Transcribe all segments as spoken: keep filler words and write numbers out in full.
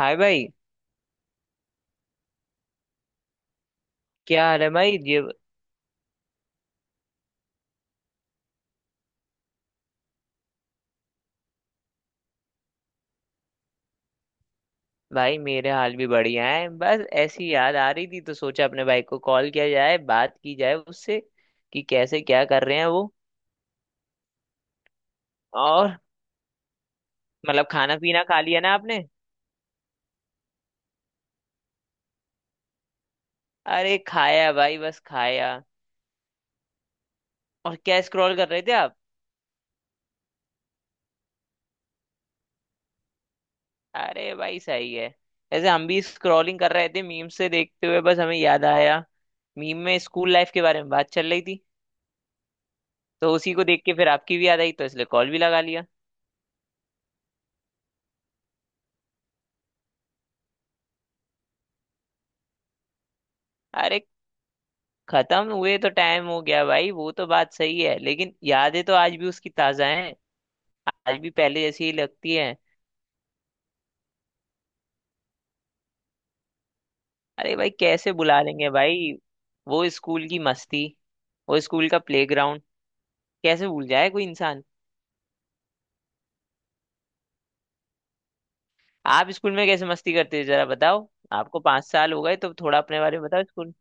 हाय भाई। क्या हाल है भाई ये। भाई मेरे हाल भी बढ़िया है, बस ऐसी याद आ रही थी तो सोचा अपने भाई को कॉल किया जाए, बात की जाए उससे कि कैसे क्या कर रहे हैं वो। और मतलब खाना पीना खा लिया ना आपने? अरे खाया भाई, बस खाया। और क्या स्क्रॉल कर रहे थे आप? अरे भाई सही है। ऐसे हम भी स्क्रॉलिंग कर रहे थे, मीम से देखते हुए, बस हमें याद आया। मीम में स्कूल लाइफ के बारे में बात चल रही थी तो उसी को देख के फिर आपकी भी याद आई तो इसलिए कॉल भी लगा लिया। अरे खत्म हुए तो टाइम हो गया भाई, वो तो बात सही है, लेकिन यादें तो आज भी उसकी ताजा हैं। आज भी पहले जैसी ही लगती हैं। अरे भाई कैसे भुला लेंगे भाई वो स्कूल की मस्ती, वो स्कूल का प्लेग्राउंड। कैसे भूल जाए कोई इंसान। आप स्कूल में कैसे मस्ती करते थे जरा बताओ। आपको पांच साल हो गए तो थोड़ा अपने बारे में बताओ स्कूल।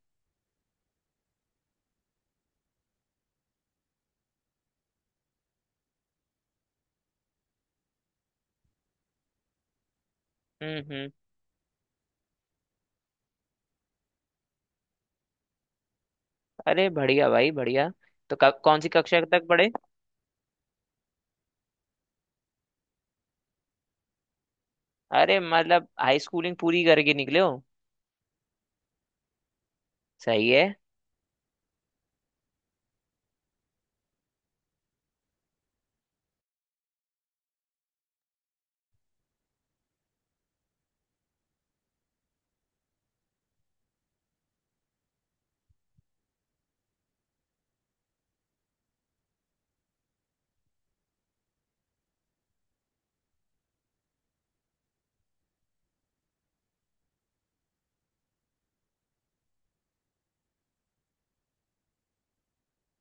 हम्म हम्म। अरे बढ़िया भाई बढ़िया। तो क, कौन सी कक्षा तक पढ़े? अरे मतलब हाई स्कूलिंग पूरी करके निकले हो। सही है।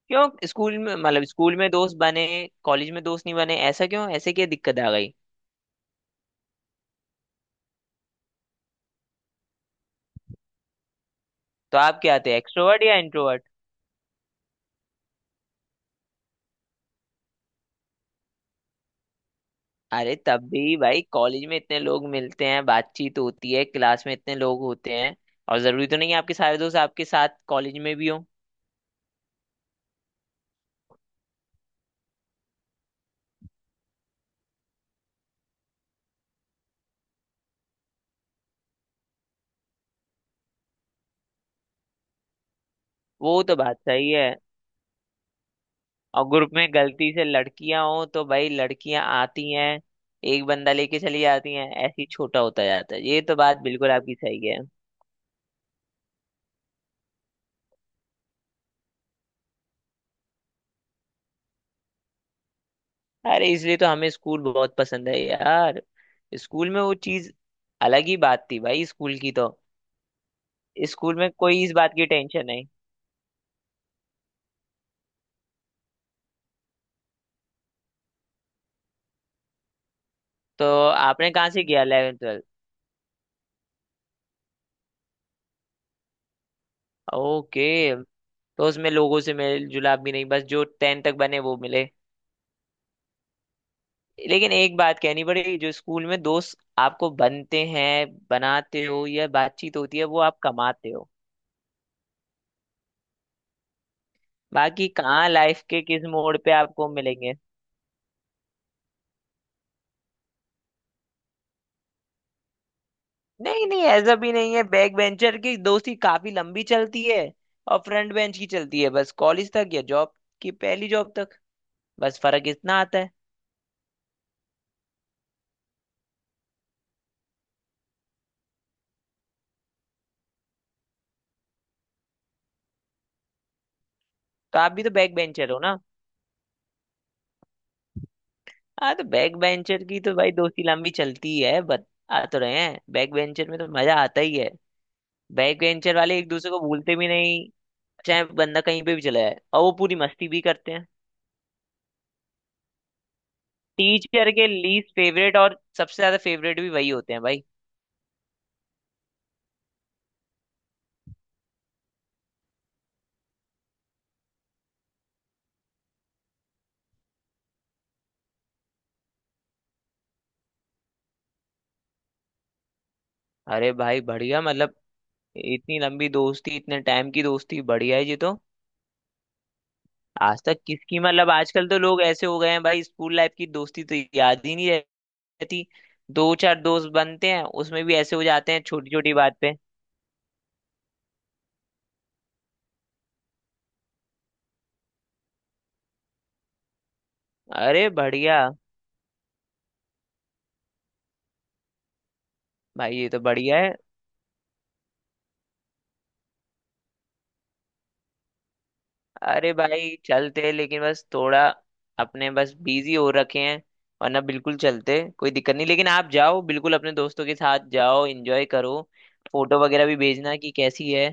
क्यों? स्कूल में मतलब स्कूल में दोस्त बने, कॉलेज में दोस्त नहीं बने, ऐसा क्यों, ऐसे क्या दिक्कत आ गई? तो आप क्या थे, एक्सट्रोवर्ट या इंट्रोवर्ट? अरे तब भी भाई कॉलेज में इतने लोग मिलते हैं, बातचीत होती है, क्लास में इतने लोग होते हैं और जरूरी तो नहीं है आपके सारे दोस्त आपके साथ कॉलेज में भी हो। वो तो बात सही है। और ग्रुप में गलती से लड़कियां हो तो भाई लड़कियां आती हैं एक बंदा लेके चली जाती हैं, ऐसे ही छोटा होता जाता है, ये तो बात बिल्कुल आपकी सही है। अरे इसलिए तो हमें स्कूल बहुत पसंद है यार। स्कूल में वो चीज अलग ही बात थी भाई स्कूल की तो। स्कूल में कोई इस बात की टेंशन नहीं। तो आपने कहाँ से किया इलेवंथ ट्वेल्थ? ओके। तो उसमें लोगों से मेल जुलाप भी नहीं, बस जो टेन तक बने वो मिले। लेकिन एक बात कहनी पड़ेगी, जो स्कूल में दोस्त आपको बनते हैं, बनाते हो या बातचीत होती है वो आप कमाते हो। बाकी कहाँ लाइफ के किस मोड़ पे आपको मिलेंगे? नहीं नहीं, ऐसा भी नहीं है, बैक बेंचर की दोस्ती काफी लंबी चलती है। और फ्रंट बेंच की चलती है बस कॉलेज तक या जॉब की पहली जॉब तक। बस फर्क इतना आता है। तो आप भी तो बैक बेंचर हो ना। हाँ, तो बैक बेंचर की तो भाई दोस्ती लंबी चलती है, बता तो रहे हैं, बैक बेंचर में तो मजा आता ही है। बैक बेंचर वाले एक दूसरे को भूलते भी नहीं, चाहे बंदा कहीं पे भी चला जाए, और वो पूरी मस्ती भी करते हैं। टीचर के लीस्ट फेवरेट और सबसे ज्यादा फेवरेट भी वही होते हैं भाई। अरे भाई बढ़िया, मतलब इतनी लंबी दोस्ती, इतने टाइम की दोस्ती बढ़िया है जी तो। आज तक किसकी मतलब आजकल तो लोग ऐसे हो गए हैं भाई, स्कूल लाइफ की दोस्ती तो याद ही नहीं रहती। दो चार दोस्त बनते हैं उसमें भी ऐसे हो जाते हैं छोटी छोटी बात पे। अरे बढ़िया। भाई ये तो बढ़िया है। अरे भाई चलते हैं लेकिन बस थोड़ा अपने बस बिजी हो रखे हैं, वरना बिल्कुल चलते, कोई दिक्कत नहीं, लेकिन आप जाओ, बिल्कुल अपने दोस्तों के साथ जाओ, एंजॉय करो। फोटो वगैरह भी भेजना कि कैसी है।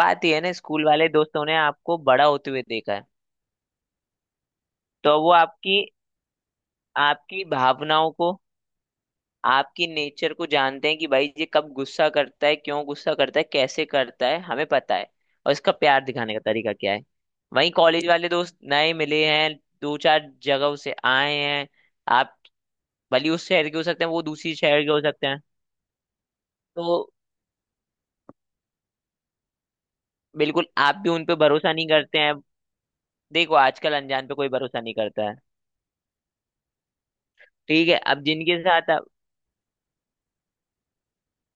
बात यह है ना, स्कूल वाले दोस्तों ने आपको बड़ा होते हुए देखा है, तो वो आपकी आपकी भावनाओं को, आपकी नेचर को जानते हैं कि भाई ये कब गुस्सा करता है, क्यों गुस्सा करता है, कैसे करता है, हमें पता है, और इसका प्यार दिखाने का तरीका क्या है। वहीं कॉलेज वाले दोस्त नए मिले हैं, दो चार जगहों से आए हैं। आप भले उस शहर के हो सकते हैं, वो दूसरी शहर के हो सकते हैं, तो बिल्कुल आप भी उन पे भरोसा नहीं करते हैं। देखो आजकल अनजान पे कोई भरोसा नहीं करता है। ठीक है, अब जिनके साथ आप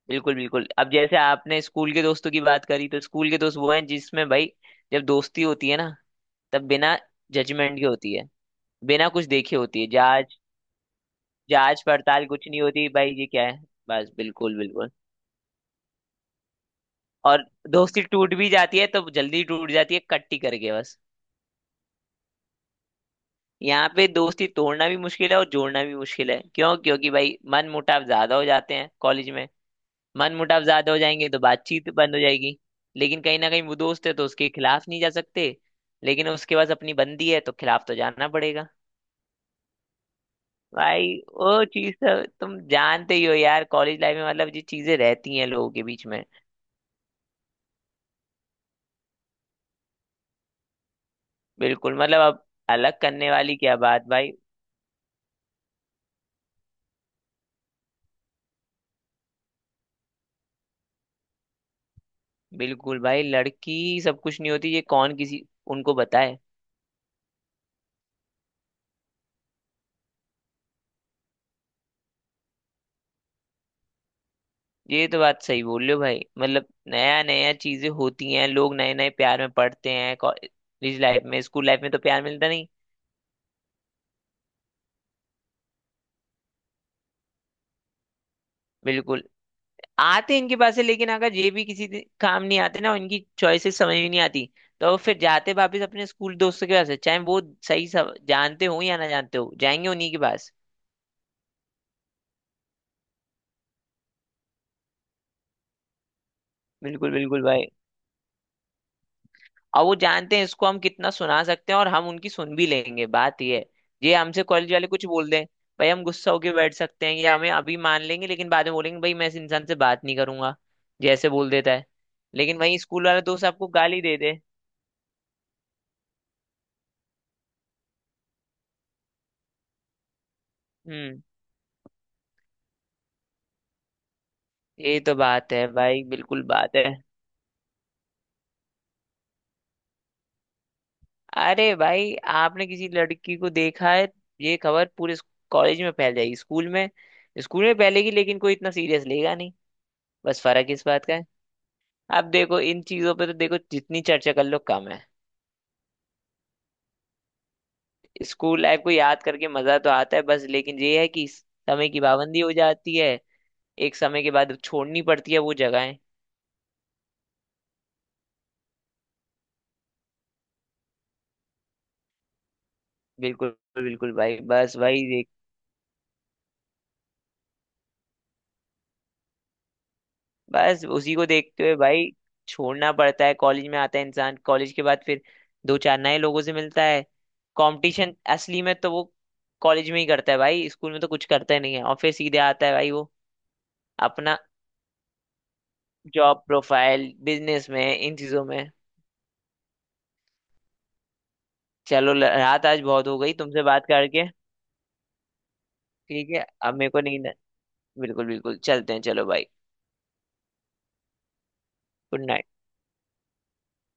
बिल्कुल बिल्कुल, अब जैसे आपने स्कूल के दोस्तों की बात करी तो स्कूल के दोस्त वो हैं जिसमें भाई जब दोस्ती होती है ना तब बिना जजमेंट के होती है, बिना कुछ देखे होती है। जांच जांच पड़ताल कुछ नहीं होती भाई, ये क्या है, बस बिल्कुल बिल्कुल। और दोस्ती टूट भी जाती है तो जल्दी टूट जाती है, कट्टी करके बस। यहाँ पे दोस्ती तोड़ना भी मुश्किल है और जोड़ना भी मुश्किल है, क्यों, क्योंकि भाई मन मुटाव ज्यादा हो जाते हैं कॉलेज में। मन मुटाव ज्यादा हो जाएंगे तो बातचीत बंद हो जाएगी। लेकिन कहीं ना कहीं वो दोस्त है तो उसके खिलाफ नहीं जा सकते। लेकिन उसके पास अपनी बंदी है तो खिलाफ तो जाना पड़ेगा। भाई वो चीज तो तुम जानते ही हो यार, कॉलेज लाइफ में मतलब ये चीजें रहती हैं लोगों के बीच में। बिल्कुल, मतलब अब। अलग करने वाली क्या बात भाई? बिल्कुल भाई, लड़की सब कुछ नहीं होती, ये कौन किसी उनको बताए। ये तो बात सही बोल रहे हो भाई, मतलब नया नया चीजें होती हैं, लोग नए नए प्यार में पड़ते हैं कॉलेज लाइफ में, स्कूल लाइफ में तो प्यार मिलता नहीं है। बिल्कुल, आते इनके पास है, लेकिन अगर ये भी किसी दि- काम नहीं आते ना, इनकी चॉइसेस समझ में नहीं आती, तो वो फिर जाते वापस अपने स्कूल दोस्तों के पास है, चाहे वो सही सब जानते हो या ना जानते हो, जाएंगे उन्हीं के पास। बिल्कुल बिल्कुल भाई, और वो जानते हैं इसको हम कितना सुना सकते हैं और हम उनकी सुन भी लेंगे, बात ये है। ये हमसे कॉलेज वाले कुछ बोल दें, भाई हम गुस्सा होके बैठ सकते हैं या हमें अभी मान लेंगे लेकिन बाद में बोलेंगे भाई मैं इस इंसान से बात नहीं करूंगा, जैसे बोल देता है। लेकिन वही स्कूल वाला दोस्त आपको गाली दे दे। हम्म। ये तो बात है भाई, बिल्कुल बात है। अरे भाई आपने किसी लड़की को देखा है, ये खबर पूरे कॉलेज में फैल जाएगी। स्कूल में, स्कूल में फैलेगी लेकिन कोई इतना सीरियस लेगा नहीं, बस फर्क इस बात का है। अब देखो इन चीजों पे तो देखो जितनी चर्चा कर लो कम है। स्कूल लाइफ को याद करके मजा तो आता है बस, लेकिन ये है कि समय की पाबंदी हो जाती है। एक समय के बाद छोड़नी पड़ती है वो जगहें। बिल्कुल बिल्कुल भाई, बस भाई, बस उसी को देखते हुए भाई छोड़ना पड़ता है। कॉलेज में आता है इंसान, कॉलेज के बाद फिर दो चार नए लोगों से मिलता है। कंपटीशन असली में तो वो कॉलेज में ही करता है भाई, स्कूल में तो कुछ करता ही नहीं है, और फिर सीधे आता है भाई वो अपना जॉब प्रोफाइल, बिजनेस में, इन चीजों में। चलो ल- रात आज बहुत हो गई तुमसे बात करके। ठीक है अब मेरे को नींद है। बिल्कुल बिल्कुल चलते हैं, चलो भाई। Good night.